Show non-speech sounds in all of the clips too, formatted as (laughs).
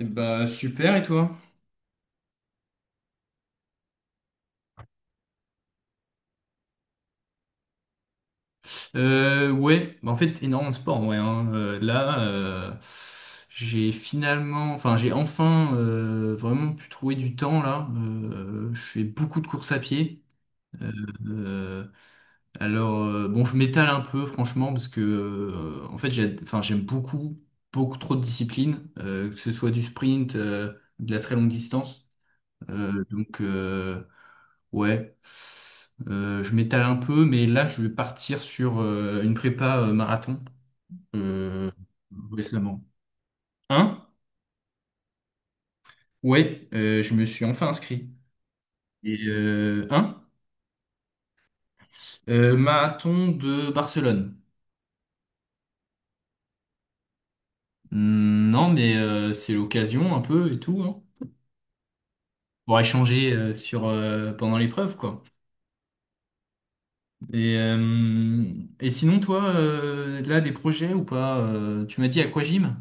Bah super et toi? Ouais, bah, en fait énormément de sport, ouais, hein. Là, j'ai finalement, enfin j'ai enfin vraiment pu trouver du temps là. Je fais beaucoup de courses à pied. Euh, euh, alors bon, je m'étale un peu franchement parce que en fait j'ai, enfin j'aime beaucoup beaucoup trop de disciplines, que ce soit du sprint, de la très longue distance. Donc, ouais. Je m'étale un peu, mais là, je vais partir sur une prépa marathon euh, récemment. Hein? Ouais, je me suis enfin inscrit. Et hein? Marathon de Barcelone. Hmm, non, mais c'est l'occasion un peu et tout, hein, pour échanger sur pendant l'épreuve, quoi. Et, euh, et sinon, toi, là, des projets ou pas? Tu m'as dit aquagym?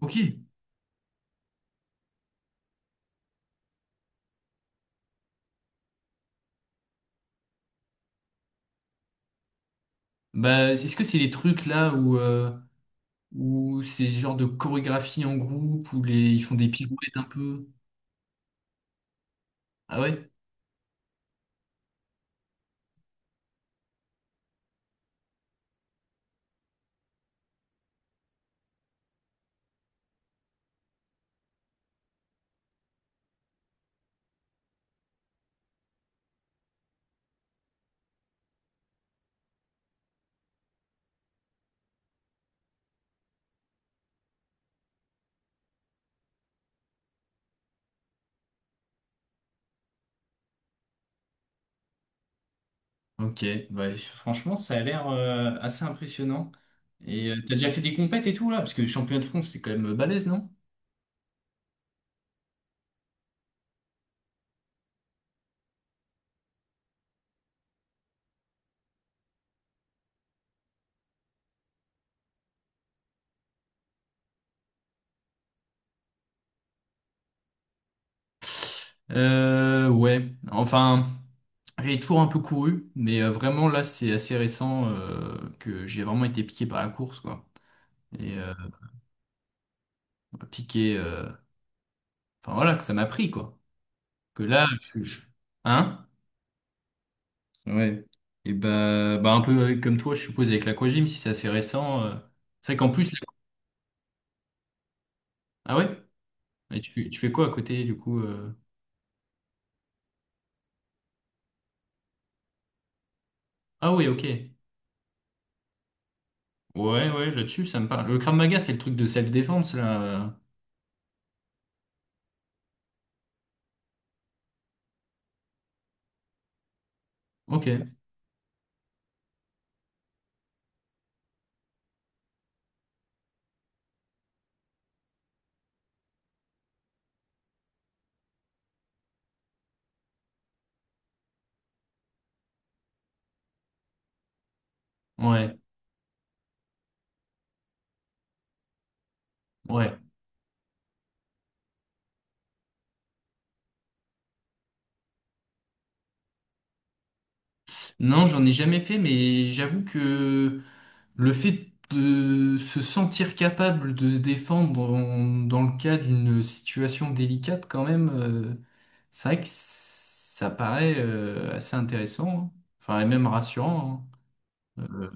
Ok. Bah, est-ce que c'est les trucs là où ou c'est ce genre de chorégraphie en groupe où ils font des pirouettes un peu. Ah ouais? Ok. Bah, franchement, ça a l'air assez impressionnant. Et t'as déjà fait des compètes et tout là? Parce que championnat de France, c'est quand même balèze, non? Ouais. Enfin, j'ai toujours un peu couru, mais vraiment là, c'est assez récent que j'ai vraiment été piqué par la course, quoi. Et piqué. Enfin voilà, que ça m'a pris, quoi. Que là, je. Hein? Ouais. Et bah un peu comme toi, je suppose, avec l'aquagym, si c'est assez récent. C'est vrai qu'en plus. Ah ouais? Et tu fais quoi à côté, du coup? Ah oui, ok. Ouais, ouais, là-dessus, ça me parle. Le Krav Maga, c'est le truc de self-défense, là. Ok. Ouais, ouais. Non, j'en ai jamais fait, mais j'avoue que. Le fait de se sentir capable de se défendre dans le cas d'une situation délicate, quand même, c'est vrai que ça paraît assez intéressant, hein. Enfin, et même rassurant. Hein.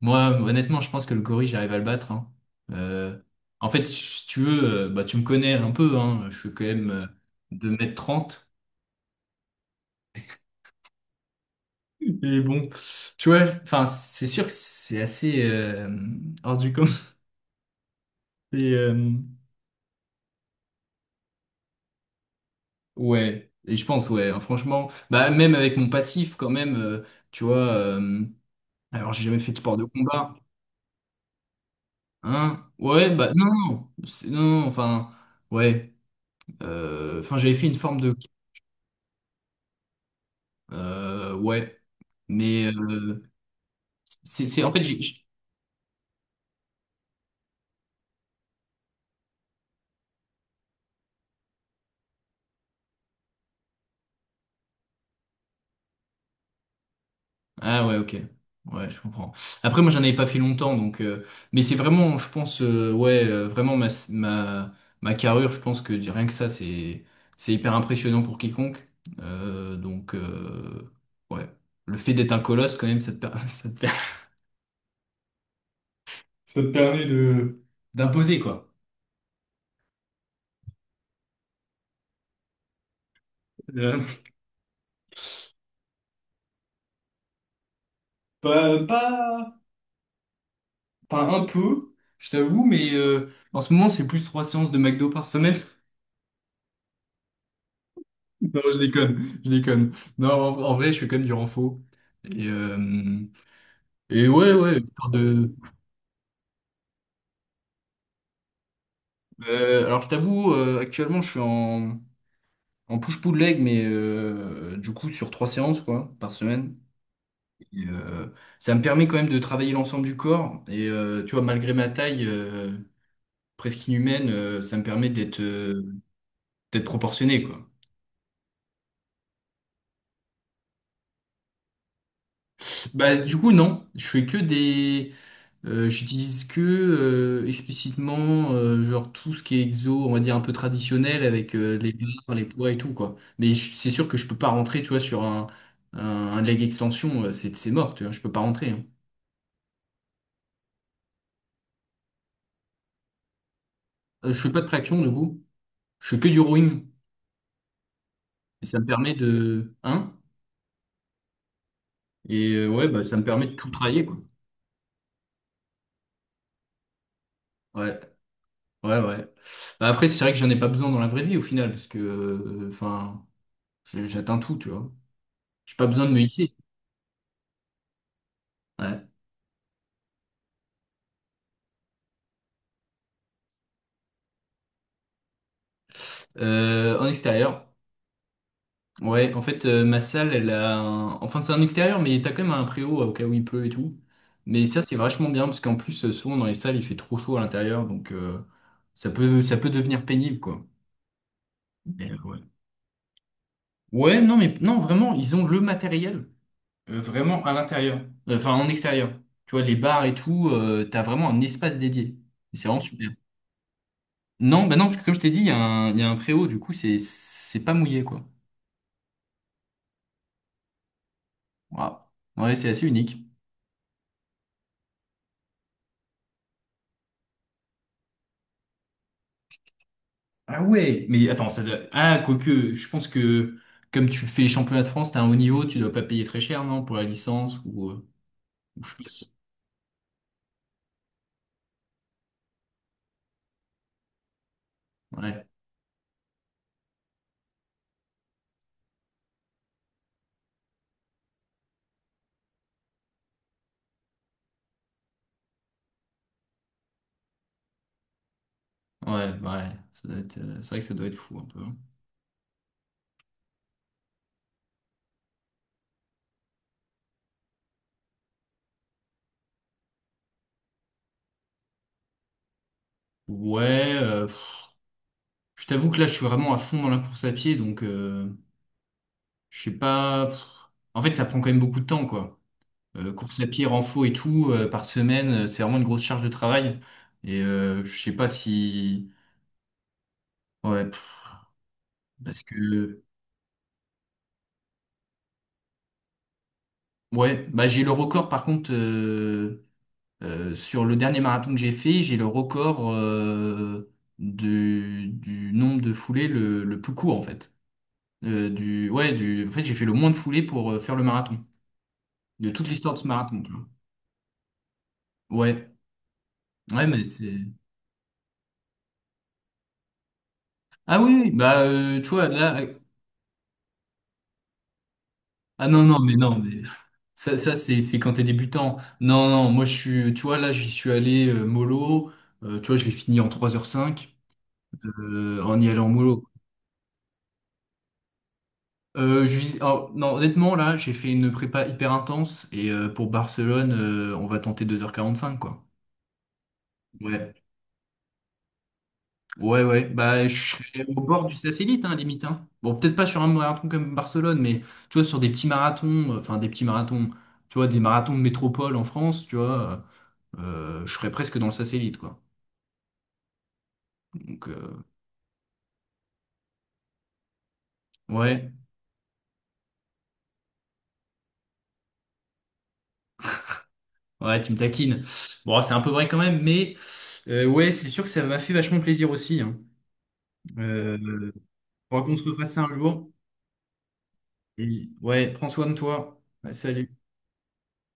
Moi, honnêtement, je pense que le gorille, j'arrive à le battre, hein. Euh, En fait, si tu veux, bah, tu me connais un peu, hein. Je suis quand même 2m30. Et bon, tu vois, enfin, c'est sûr que c'est assez hors du commun. Et, ouais, et je pense, ouais, hein, franchement, bah même avec mon passif quand même, tu vois, alors j'ai jamais fait de sport de combat, hein? Ouais, bah non, non, non, non, enfin, ouais, enfin j'avais fait une forme de, ouais, mais c'est, en fait, Ah ouais, ok. Ouais, je comprends. Après, moi, j'en avais pas fait longtemps, donc. Mais c'est vraiment, je pense, ouais, vraiment ma carrure, je pense que rien que ça, c'est hyper impressionnant pour quiconque. Donc, ouais. Le fait d'être un colosse, quand même, (laughs) ça te permet d'imposer, quoi. Euh, pas, enfin, un peu, je t'avoue, mais en ce moment, c'est plus trois séances de McDo par semaine. (laughs) Non, je déconne, je déconne. Non, en vrai, je suis quand même du renfort. Et, euh, et ouais, ouais. Histoire de. Alors, je t'avoue, actuellement, je suis en push-pull leg, mais du coup, sur trois séances quoi, par semaine. Et, ça me permet quand même de travailler l'ensemble du corps. Et tu vois, malgré ma taille presque inhumaine, ça me permet d'être proportionné, quoi. Bah, du coup, non, je fais que des. J'utilise que explicitement genre tout ce qui est exo, on va dire un peu traditionnel avec les barres, les poids et tout quoi. Mais c'est sûr que je peux pas rentrer, tu vois, sur un, un leg extension, c'est mort, tu vois, je peux pas rentrer, hein. Je fais pas de traction du coup, je fais que du rowing. Et ça me permet de, hein? Et ouais, bah ça me permet de tout travailler quoi. Ouais, ouais, ouais. Bah, après c'est vrai que j'en ai pas besoin dans la vraie vie au final parce que enfin, j'atteins tout, tu vois. J'ai pas besoin de me hisser. Ouais. En extérieur. Ouais, en fait, ma salle, enfin, c'est un extérieur, mais t'as quand même un préau au cas où il pleut et tout. Mais ça, c'est vachement bien, parce qu'en plus, souvent, dans les salles, il fait trop chaud à l'intérieur, donc ça peut devenir pénible, quoi. Mais, ouais. Ouais, non, mais non, vraiment, ils ont le matériel, vraiment à l'intérieur. Enfin, en extérieur. Tu vois, les bars et tout, t'as vraiment un espace dédié. Et c'est vraiment super. Non, bah non, parce que comme je t'ai dit, il y a un préau, du coup, c'est pas mouillé, quoi. Voilà. Ouais, c'est assez unique. Ah ouais, mais attends, Ah, quoique, je pense que comme tu fais championnat de France, t'as un haut niveau, tu dois pas payer très cher, non, pour la licence ou je sais pas. Ouais, ouais, ouais, ça doit être, c'est vrai que ça doit être fou un peu, hein. Ouais, je t'avoue que là, je suis vraiment à fond dans la course à pied, donc je sais pas. Pff. En fait, ça prend quand même beaucoup de temps, quoi. Course à pied, renfo et tout, par semaine, c'est vraiment une grosse charge de travail. Et je sais pas si. Ouais, parce que. Ouais, bah j'ai le record par contre sur le dernier marathon que j'ai fait, j'ai le record du nombre de foulées le plus court en fait. Du ouais, du en fait j'ai fait le moins de foulées pour faire le marathon de toute l'histoire de ce marathon, tu vois. Ouais, ouais, mais c'est, ah oui oui, bah tu vois là, ah non non mais non mais (laughs) ça c'est quand t'es débutant. Non non, moi je suis, tu vois là j'y suis allé mollo. Tu vois, je l'ai fini en 3h05, en y allant mollo. Oh, non, honnêtement, là, j'ai fait une prépa hyper intense et pour Barcelone, on va tenter 2h45, quoi. Ouais, ouais, ouais. Bah, je serais au bord du satellite, hein, limite, hein. Bon, peut-être pas sur un marathon comme Barcelone, mais tu vois, sur des petits marathons, enfin des petits marathons, tu vois, des marathons de métropole en France, tu vois, je serais presque dans le satellite, quoi. Donc, ouais, ouais, tu me taquines. Bon, c'est un peu vrai quand même, mais ouais, c'est sûr que ça m'a fait vachement plaisir aussi, hein. Euh, Faudra qu'on se refasse ça un jour. Ouais, prends soin de toi. Bah, salut.